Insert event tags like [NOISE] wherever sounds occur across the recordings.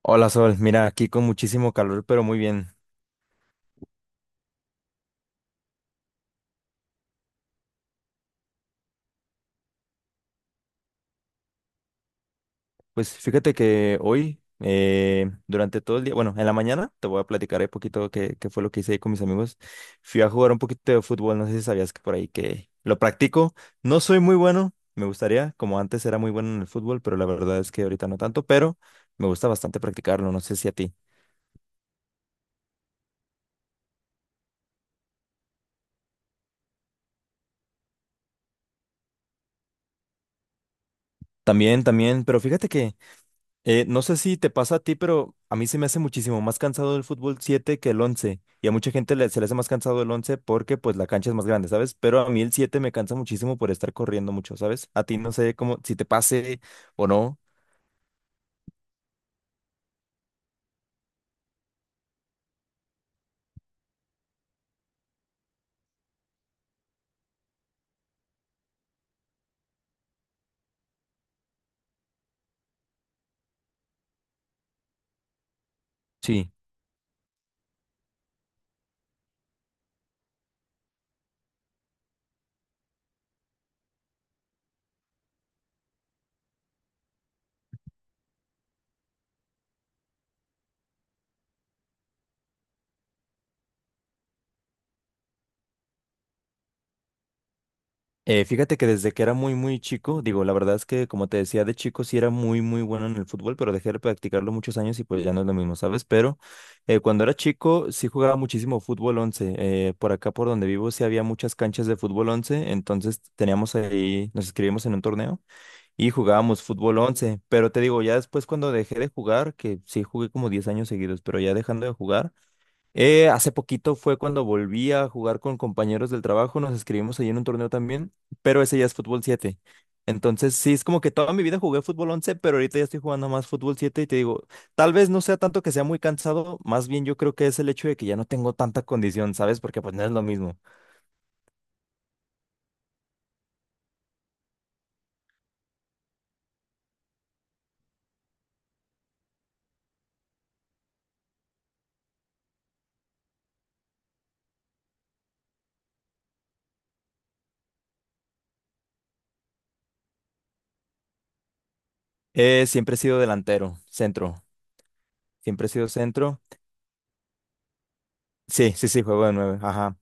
Hola Sol, mira, aquí con muchísimo calor, pero muy bien. Pues fíjate que hoy, durante todo el día, bueno, en la mañana te voy a platicar un poquito qué fue lo que hice ahí con mis amigos. Fui a jugar un poquito de fútbol, no sé si sabías que por ahí que lo practico. No soy muy bueno, me gustaría, como antes era muy bueno en el fútbol, pero la verdad es que ahorita no tanto, pero me gusta bastante practicarlo, no sé si a ti. También, también, pero fíjate que no sé si te pasa a ti, pero a mí se me hace muchísimo más cansado el fútbol 7 que el 11. Y a mucha gente se le hace más cansado el 11 porque pues la cancha es más grande, ¿sabes? Pero a mí el 7 me cansa muchísimo por estar corriendo mucho, ¿sabes? A ti no sé cómo, si te pase o no. Sí. Fíjate que desde que era muy, muy chico, digo, la verdad es que como te decía de chico sí era muy, muy bueno en el fútbol, pero dejé de practicarlo muchos años y pues ya no es lo mismo, ¿sabes? Pero cuando era chico sí jugaba muchísimo fútbol 11. Por acá, por donde vivo, sí había muchas canchas de fútbol 11, entonces teníamos ahí, nos inscribimos en un torneo y jugábamos fútbol 11. Pero te digo, ya después cuando dejé de jugar, que sí jugué como 10 años seguidos, pero ya dejando de jugar. Hace poquito fue cuando volví a jugar con compañeros del trabajo, nos escribimos ahí en un torneo también, pero ese ya es fútbol 7. Entonces, sí, es como que toda mi vida jugué fútbol 11, pero ahorita ya estoy jugando más fútbol 7 y te digo, tal vez no sea tanto que sea muy cansado, más bien yo creo que es el hecho de que ya no tengo tanta condición, ¿sabes? Porque pues no es lo mismo. Siempre he sido delantero, centro, siempre he sido centro. Sí, sí, sí, juego de nueve, ajá.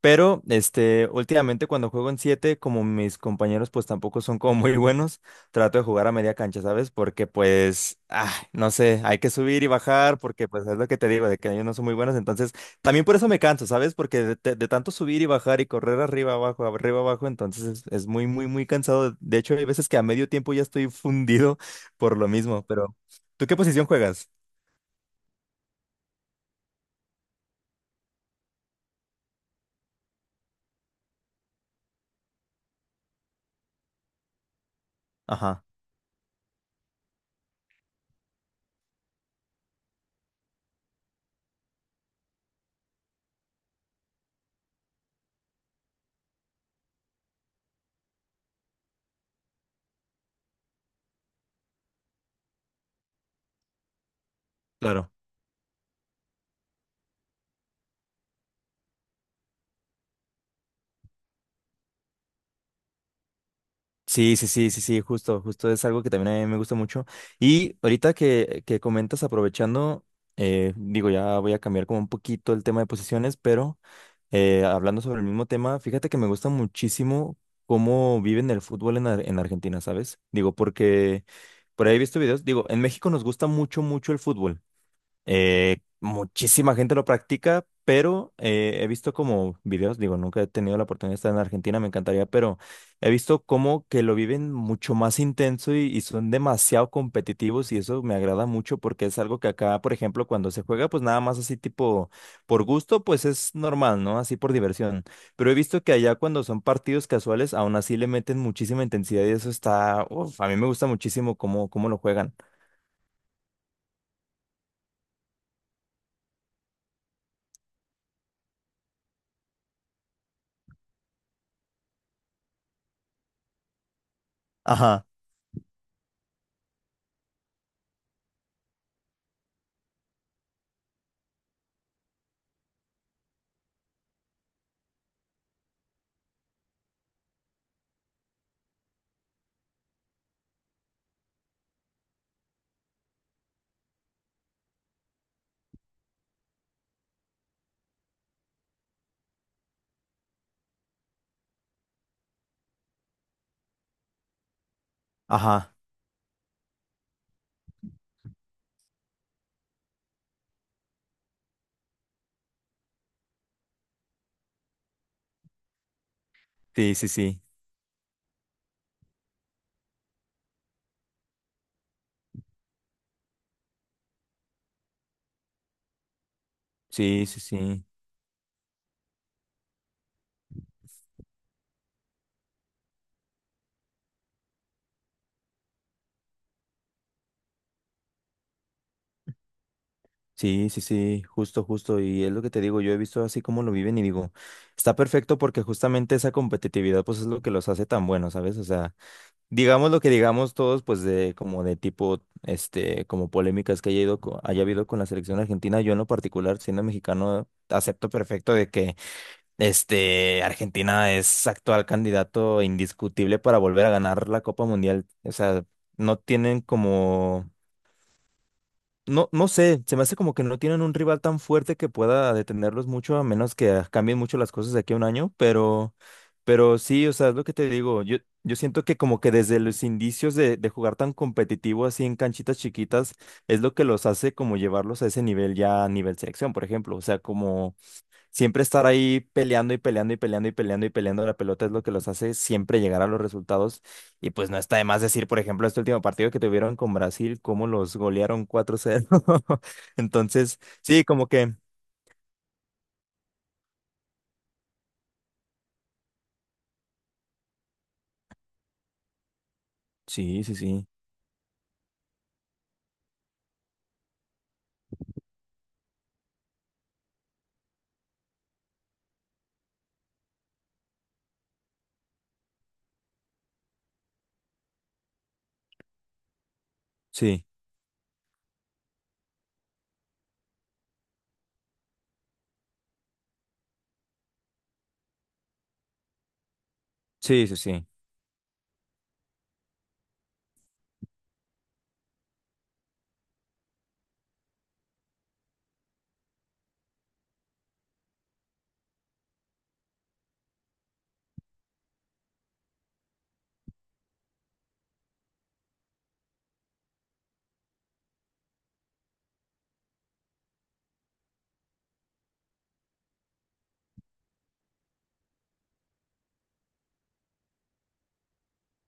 Pero, últimamente cuando juego en siete, como mis compañeros pues tampoco son como muy buenos, trato de jugar a media cancha, ¿sabes? Porque pues, ah, no sé, hay que subir y bajar, porque pues es lo que te digo, de que ellos no son muy buenos, entonces también por eso me canso, ¿sabes? Porque de tanto subir y bajar y correr arriba, abajo, entonces es muy, muy, muy cansado. De hecho, hay veces que a medio tiempo ya estoy [LAUGHS] fundido por lo mismo, pero ¿tú qué posición juegas? Ajá, claro. Sí, sí, sí, sí, sí, justo, justo es algo que también a mí me gusta mucho. Y ahorita que comentas, aprovechando, digo, ya voy a cambiar como un poquito el tema de posiciones, pero hablando sobre el mismo tema, fíjate que me gusta muchísimo cómo viven el fútbol en Argentina, ¿sabes? Digo, porque por ahí he visto videos, digo, en México nos gusta mucho, mucho el fútbol. Muchísima gente lo practica, pero he visto como videos, digo, nunca he tenido la oportunidad de estar en Argentina, me encantaría, pero he visto como que lo viven mucho más intenso y son demasiado competitivos y eso me agrada mucho porque es algo que acá, por ejemplo, cuando se juega, pues nada más así tipo por gusto, pues es normal, ¿no? Así por diversión. Pero he visto que allá cuando son partidos casuales, aún así le meten muchísima intensidad y eso está, uf, a mí me gusta muchísimo cómo lo juegan. Ajá, ajá, sí, sí, sí. Sí, sí, sí, sí, sí, sí, justo, justo. Y es lo que te digo, yo he visto así como lo viven y digo, está perfecto porque justamente esa competitividad pues es lo que los hace tan buenos, ¿sabes? O sea, digamos lo que digamos todos pues de como de tipo, como polémicas que haya habido con la selección argentina, yo en lo particular siendo mexicano acepto perfecto de que Argentina es actual candidato indiscutible para volver a ganar la Copa Mundial. O sea, no tienen como... No, no sé, se me hace como que no tienen un rival tan fuerte que pueda detenerlos mucho, a menos que cambien mucho las cosas de aquí a un año, pero, sí, o sea, es lo que te digo, yo siento que como que desde los indicios de jugar tan competitivo así en canchitas chiquitas, es lo que los hace como llevarlos a ese nivel ya a nivel selección, por ejemplo, o sea, como siempre estar ahí peleando y peleando y peleando y peleando y peleando la pelota es lo que los hace siempre llegar a los resultados. Y pues no está de más decir, por ejemplo, este último partido que tuvieron con Brasil, cómo los golearon 4-0 [LAUGHS] Entonces, sí, como que... Sí, sí, sí. Sí, sí, sí, sí.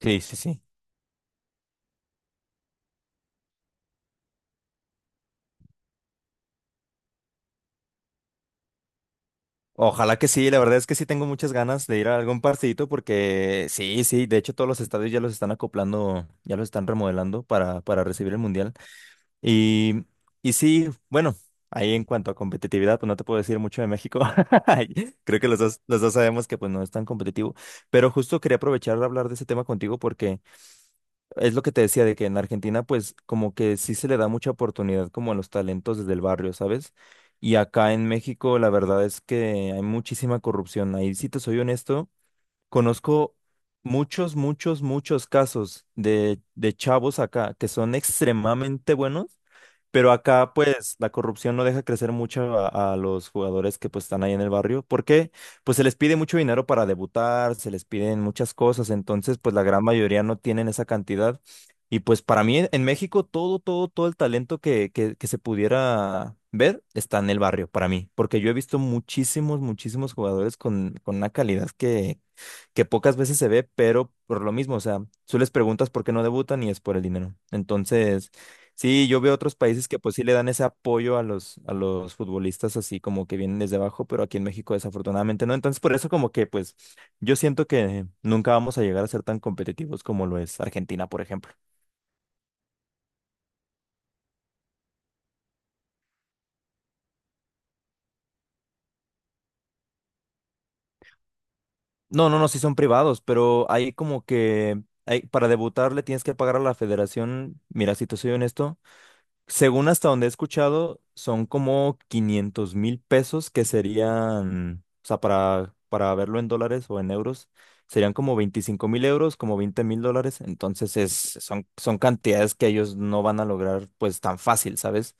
Sí, sí, sí. Ojalá que sí, la verdad es que sí tengo muchas ganas de ir a algún partidito porque sí, sí, de hecho todos los estadios ya los están acoplando, ya los están remodelando para recibir el mundial. Y, y sí, bueno, ahí en cuanto a competitividad, pues no te puedo decir mucho de México. [LAUGHS] Creo que los dos sabemos que pues no es tan competitivo. Pero justo quería aprovechar de hablar de ese tema contigo porque es lo que te decía de que en Argentina pues como que sí se le da mucha oportunidad como a los talentos desde el barrio, ¿sabes? Y acá en México la verdad es que hay muchísima corrupción. Ahí sí te soy honesto. Conozco muchos, muchos, muchos casos de chavos acá que son extremadamente buenos, pero acá pues la corrupción no deja crecer mucho a los jugadores que pues están ahí en el barrio, porque pues se les pide mucho dinero para debutar, se les piden muchas cosas, entonces pues la gran mayoría no tienen esa cantidad. Y pues para mí en México todo, todo, todo el talento que se pudiera ver está en el barrio, para mí, porque yo he visto muchísimos, muchísimos jugadores con una calidad que pocas veces se ve, pero por lo mismo, o sea, tú les preguntas por qué no debutan y es por el dinero. Entonces, sí, yo veo otros países que pues sí le dan ese apoyo a los, futbolistas así como que vienen desde abajo, pero aquí en México desafortunadamente no. Entonces, por eso como que pues yo siento que nunca vamos a llegar a ser tan competitivos como lo es Argentina, por ejemplo. No, no, no, sí son privados, pero hay como que... para debutar le tienes que pagar a la federación. Mira, si te soy honesto. Según hasta donde he escuchado, son como 500,000 pesos que serían, o sea, para verlo en dólares o en euros, serían como 25,000 euros, como 20,000 dólares. Entonces son cantidades que ellos no van a lograr pues tan fácil, ¿sabes?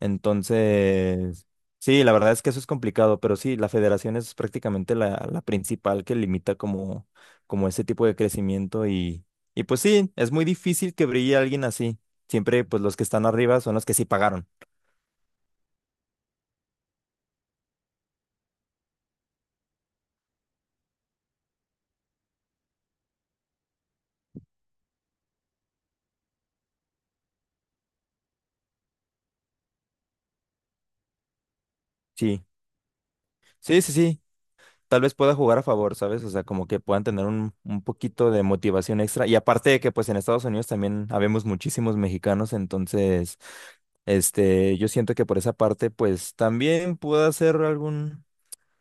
Entonces, sí, la verdad es que eso es complicado, pero sí, la federación es prácticamente la principal que limita como ese tipo de crecimiento y pues sí, es muy difícil que brille alguien así. Siempre pues los que están arriba son los que sí pagaron. Sí, sí, sí, sí. Tal vez pueda jugar a favor, ¿sabes? O sea, como que puedan tener un poquito de motivación extra. Y aparte de que pues en Estados Unidos también habemos muchísimos mexicanos, entonces... Yo siento que por esa parte, pues también pueda hacer algún,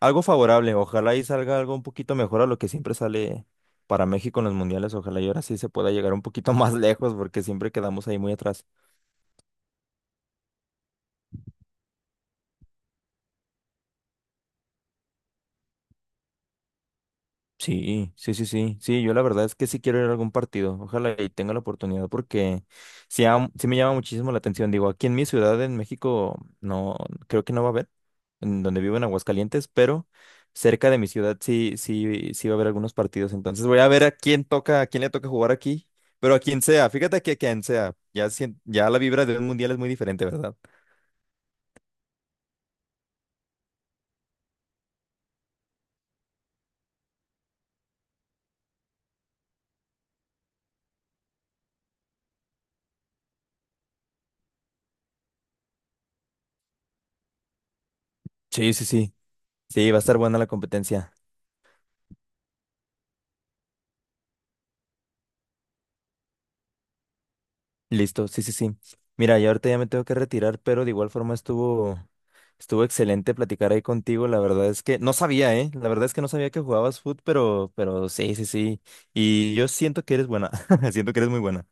algo favorable. Ojalá y salga algo un poquito mejor a lo que siempre sale para México en los mundiales. Ojalá y ahora sí se pueda llegar un poquito [LAUGHS] más lejos porque siempre quedamos ahí muy atrás. Sí, sí, sí, sí, sí, yo la verdad es que sí quiero ir a algún partido, ojalá y tenga la oportunidad porque sí, sí me llama muchísimo la atención, digo, aquí en mi ciudad en México no, creo que no va a haber, en donde vivo en Aguascalientes, pero cerca de mi ciudad sí, sí, sí va a haber algunos partidos, entonces voy a ver a quién toca, a quién le toca jugar aquí, pero a quien sea, fíjate que a quien sea, ya, ya la vibra de un mundial es muy diferente, ¿verdad? Sí, sí, sí, sí, va a estar buena la competencia. Listo, sí, sí, sí. Mira, yo ahorita ya me tengo que retirar, pero de igual forma estuvo excelente platicar ahí contigo. La verdad es que no sabía, ¿eh? La verdad es que no sabía que jugabas foot, pero sí, sí, sí. Y yo siento que eres buena, [LAUGHS] siento que eres muy buena.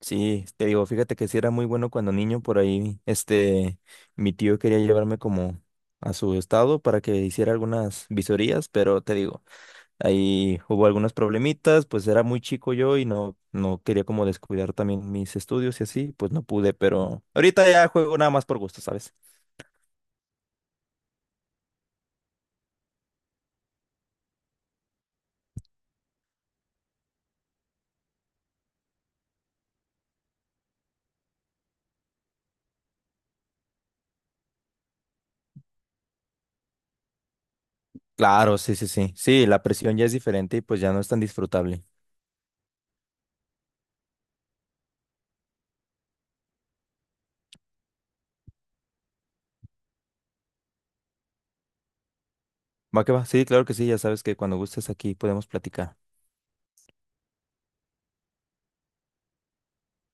Sí, te digo, fíjate que sí era muy bueno cuando niño por ahí, mi tío quería llevarme como a su estado para que hiciera algunas visorías, pero te digo. Ahí hubo algunos problemitas, pues era muy chico yo y no, no quería como descuidar también mis estudios y así, pues no pude, pero ahorita ya juego nada más por gusto, ¿sabes? Claro, sí, sí, sí. Sí, la presión ya es diferente y pues ya no es tan disfrutable. Va que va, sí, claro que sí, ya sabes que cuando gustes aquí podemos platicar.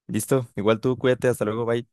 Listo, igual tú, cuídate, hasta luego, bye.